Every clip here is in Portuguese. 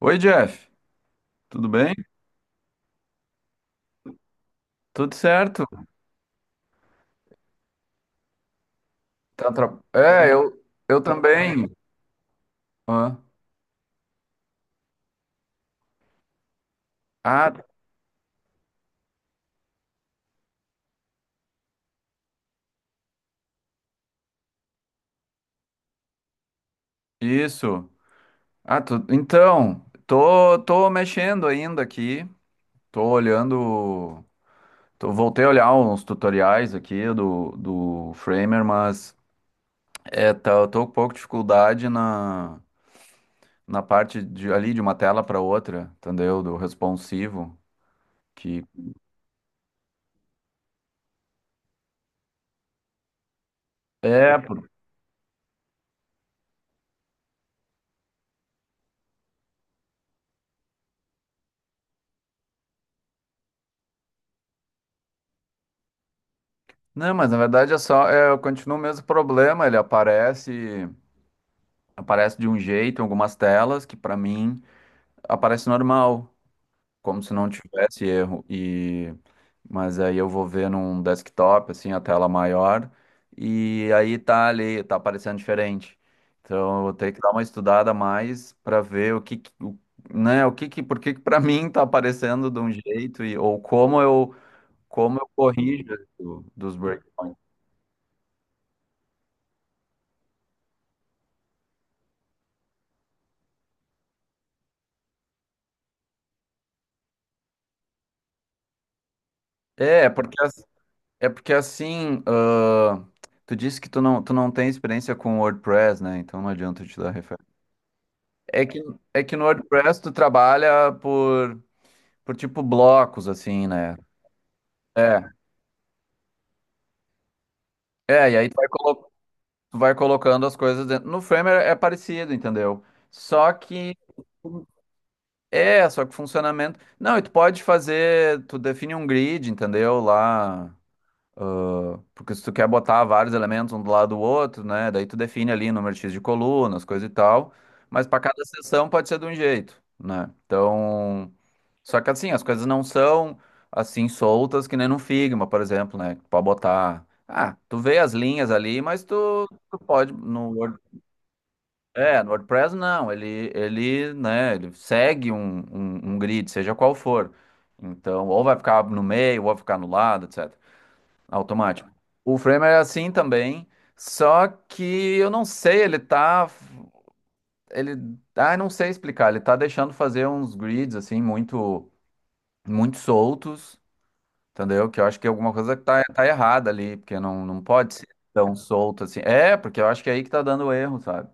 Oi, Jeff. Tudo bem? Tudo certo? Eu também. Hã? Ah, isso. Então, tô mexendo ainda aqui. Tô olhando. Tô, voltei a olhar uns tutoriais aqui do Framer, mas eu tô com um pouco de dificuldade na parte ali de uma tela para outra, entendeu? Do responsivo. Que É, pô. Não, mas na verdade é só, eu continuo o mesmo problema, ele aparece. Aparece de um jeito em algumas telas que para mim aparece normal, como se não tivesse erro. Mas aí eu vou ver num desktop assim a tela maior e aí tá ali, tá aparecendo diferente. Então eu vou ter que dar uma estudada a mais para ver o que, que- o, né, o que que por que que para mim tá aparecendo de um jeito e ou como eu corrijo isso dos breakpoints. É, porque É porque assim, ah, tu disse que tu não tem experiência com WordPress, né? Então não adianta eu te dar referência. É que, é que no WordPress tu trabalha por tipo blocos, assim, né? É, e aí tu vai colocando as coisas dentro. No Framer é parecido, entendeu? Só que, só que funcionamento. Não, e tu pode fazer, tu define um grid, entendeu? Lá. Porque se tu quer botar vários elementos um do lado do outro, né? Daí tu define ali número X de colunas, coisa e tal. Mas para cada seção pode ser de um jeito, né? Então, só que assim, as coisas não são assim soltas que nem no Figma, por exemplo, né? Tu pode botar. Ah, tu vê as linhas ali, mas tu pode no Word... É, no WordPress não, ele segue um grid, seja qual for. Então, ou vai ficar no meio, ou vai ficar no lado, etc. Automático. O Framer é assim também, só que eu não sei, ele tá. Ele. Ah, eu não sei explicar. Ele tá deixando fazer uns grids, assim, muito, muito soltos, entendeu? Que eu acho que alguma coisa tá errada ali, porque não pode ser tão solto assim. É, porque eu acho que é aí que tá dando erro, sabe?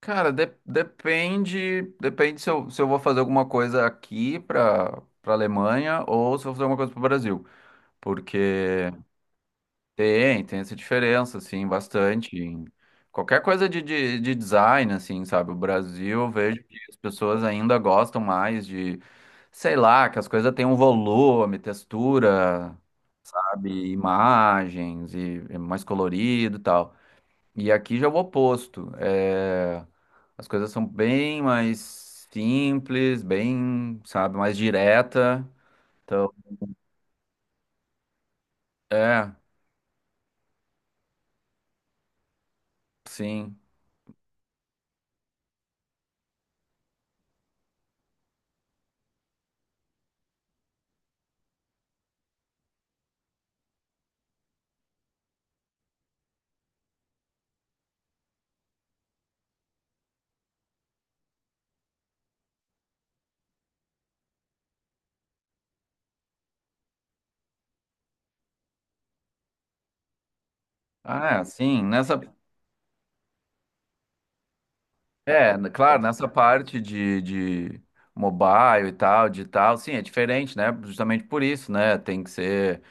Cara, depende, depende se eu vou fazer alguma coisa aqui para Alemanha ou se eu vou fazer alguma coisa para o Brasil, porque tem, tem essa diferença, assim, bastante. Em qualquer coisa de design, assim, sabe? O Brasil, eu vejo que as pessoas ainda gostam mais de, sei lá, que as coisas têm um volume, textura, sabe? Imagens e é mais colorido e tal. E aqui já é o oposto. É, as coisas são bem mais simples, bem, sabe, mais direta. Então, é, sim. Ah, é, sim, nessa. É, n- claro, nessa parte de mobile e tal, digital, sim, é diferente, né? Justamente por isso, né? Tem que ser.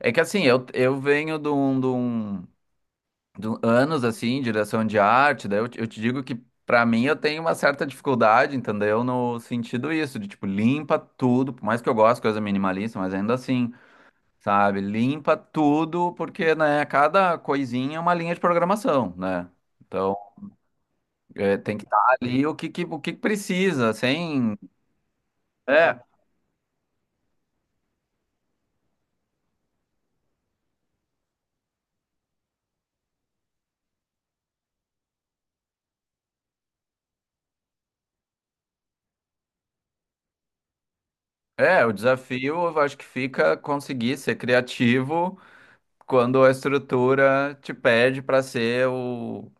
É que assim, eu venho de anos assim, em direção de arte, daí eu te digo que pra mim eu tenho uma certa dificuldade, entendeu? No sentido isso, de tipo, limpa tudo, por mais que eu goste de coisa minimalista, mas ainda assim, sabe? Limpa tudo, porque, né, cada coisinha é uma linha de programação, né? Então. É, tem que estar ali o que precisa, sem. É, o desafio eu acho que fica conseguir ser criativo quando a estrutura te pede para ser o.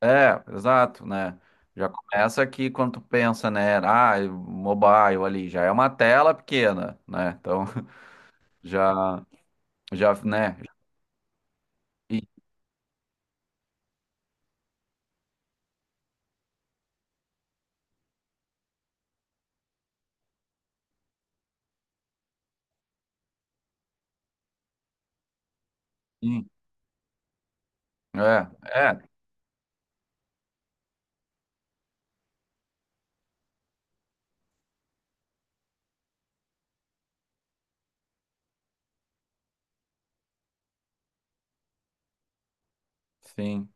É, exato, né? Já começa aqui quando tu pensa, né? Ah, mobile ali, já é uma tela pequena, né? Então, já, já, né? E- e- é, é, sim.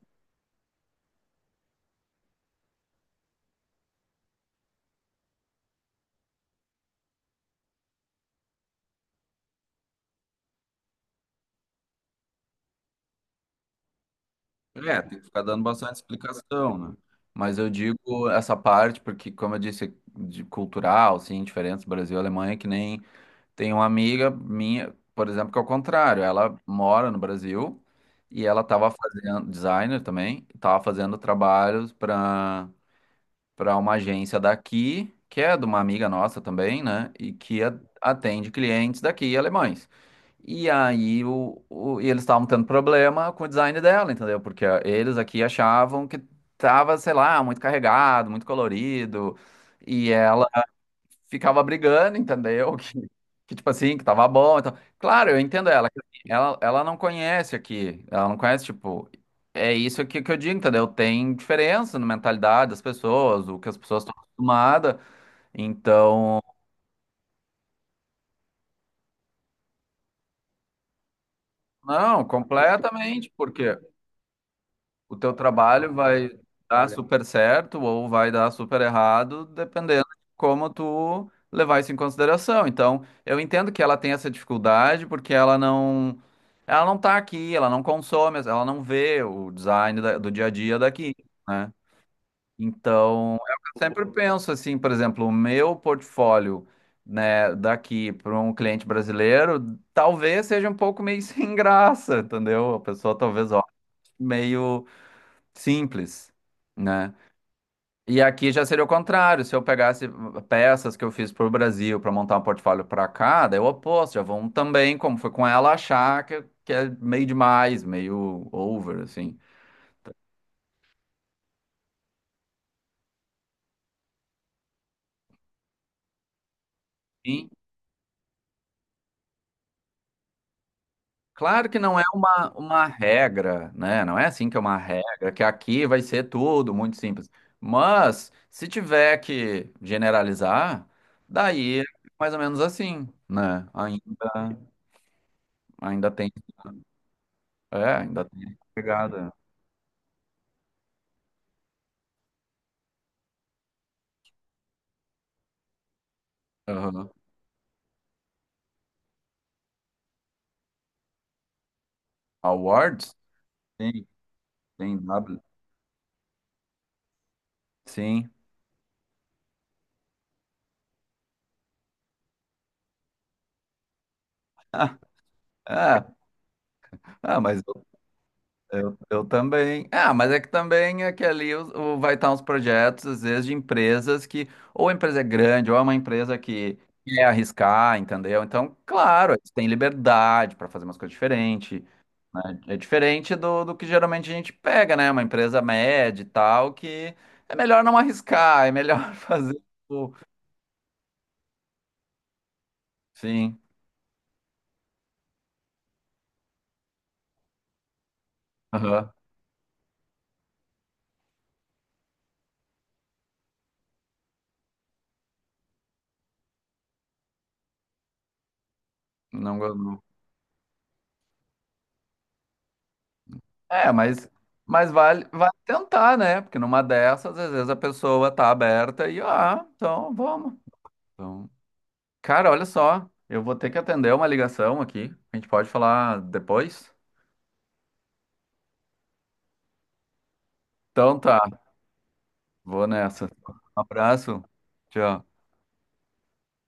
É, tem que ficar dando bastante explicação, né? Mas eu digo essa parte porque, como eu disse, de cultural, assim, diferença Brasil e Alemanha, que nem tem uma amiga minha, por exemplo, que é o contrário, ela mora no Brasil e ela estava fazendo, designer também, estava fazendo trabalhos para uma agência daqui, que é de uma amiga nossa também, né? E que atende clientes daqui, alemães. E aí e eles estavam tendo problema com o design dela, entendeu? Porque ah, eles aqui achavam que tava, sei lá, muito carregado, muito colorido, e ela ficava brigando, entendeu? Que tipo assim, que tava bom. Então, claro, eu entendo ela, que assim, ela não conhece aqui, ela não conhece, tipo, é isso aqui que eu digo, entendeu? Tem diferença na mentalidade das pessoas, o que as pessoas estão acostumadas, então, não, completamente, porque o teu trabalho vai dar. Olha, super certo ou vai dar super errado, dependendo de como tu levar isso em consideração. Então, eu entendo que ela tem essa dificuldade porque ela não tá aqui, ela não consome, ela não vê o design do dia a dia daqui, né? Então, é o que eu sempre penso assim, por exemplo, o meu portfólio, né, daqui para um cliente brasileiro, talvez seja um pouco meio sem graça, entendeu? A pessoa talvez olhe meio simples, né? E aqui já seria o contrário, se eu pegasse peças que eu fiz para o Brasil para montar um portfólio para cá, daí é o oposto, já vão também, como foi com ela, achar que é meio demais, meio over, assim. Sim. Claro que não é uma regra, né? Não é assim que é uma regra, que aqui vai ser tudo muito simples. Mas, se tiver que generalizar, daí é mais ou menos assim, né? Ainda, ainda tem, é, ainda tem pegada. Aham. Awards? Sim, tem W. Sim. Ah, ah, ah, mas eu também. Ah, mas é que também é que ali vai estar uns projetos, às vezes, de empresas que, ou a empresa é grande, ou é uma empresa que quer arriscar, entendeu? Então, claro, eles têm liberdade para fazer umas coisas diferentes, né? É diferente do que geralmente a gente pega, né? Uma empresa média e tal, que é melhor não arriscar, é melhor fazer o. Sim. Aham. Não, go- É, mas vale, vale tentar, né? Porque numa dessas, às vezes a pessoa tá aberta e, ah, então vamos. Então, cara, olha só, eu vou ter que atender uma ligação aqui. A gente pode falar depois? Então tá, vou nessa. Um abraço. Tchau.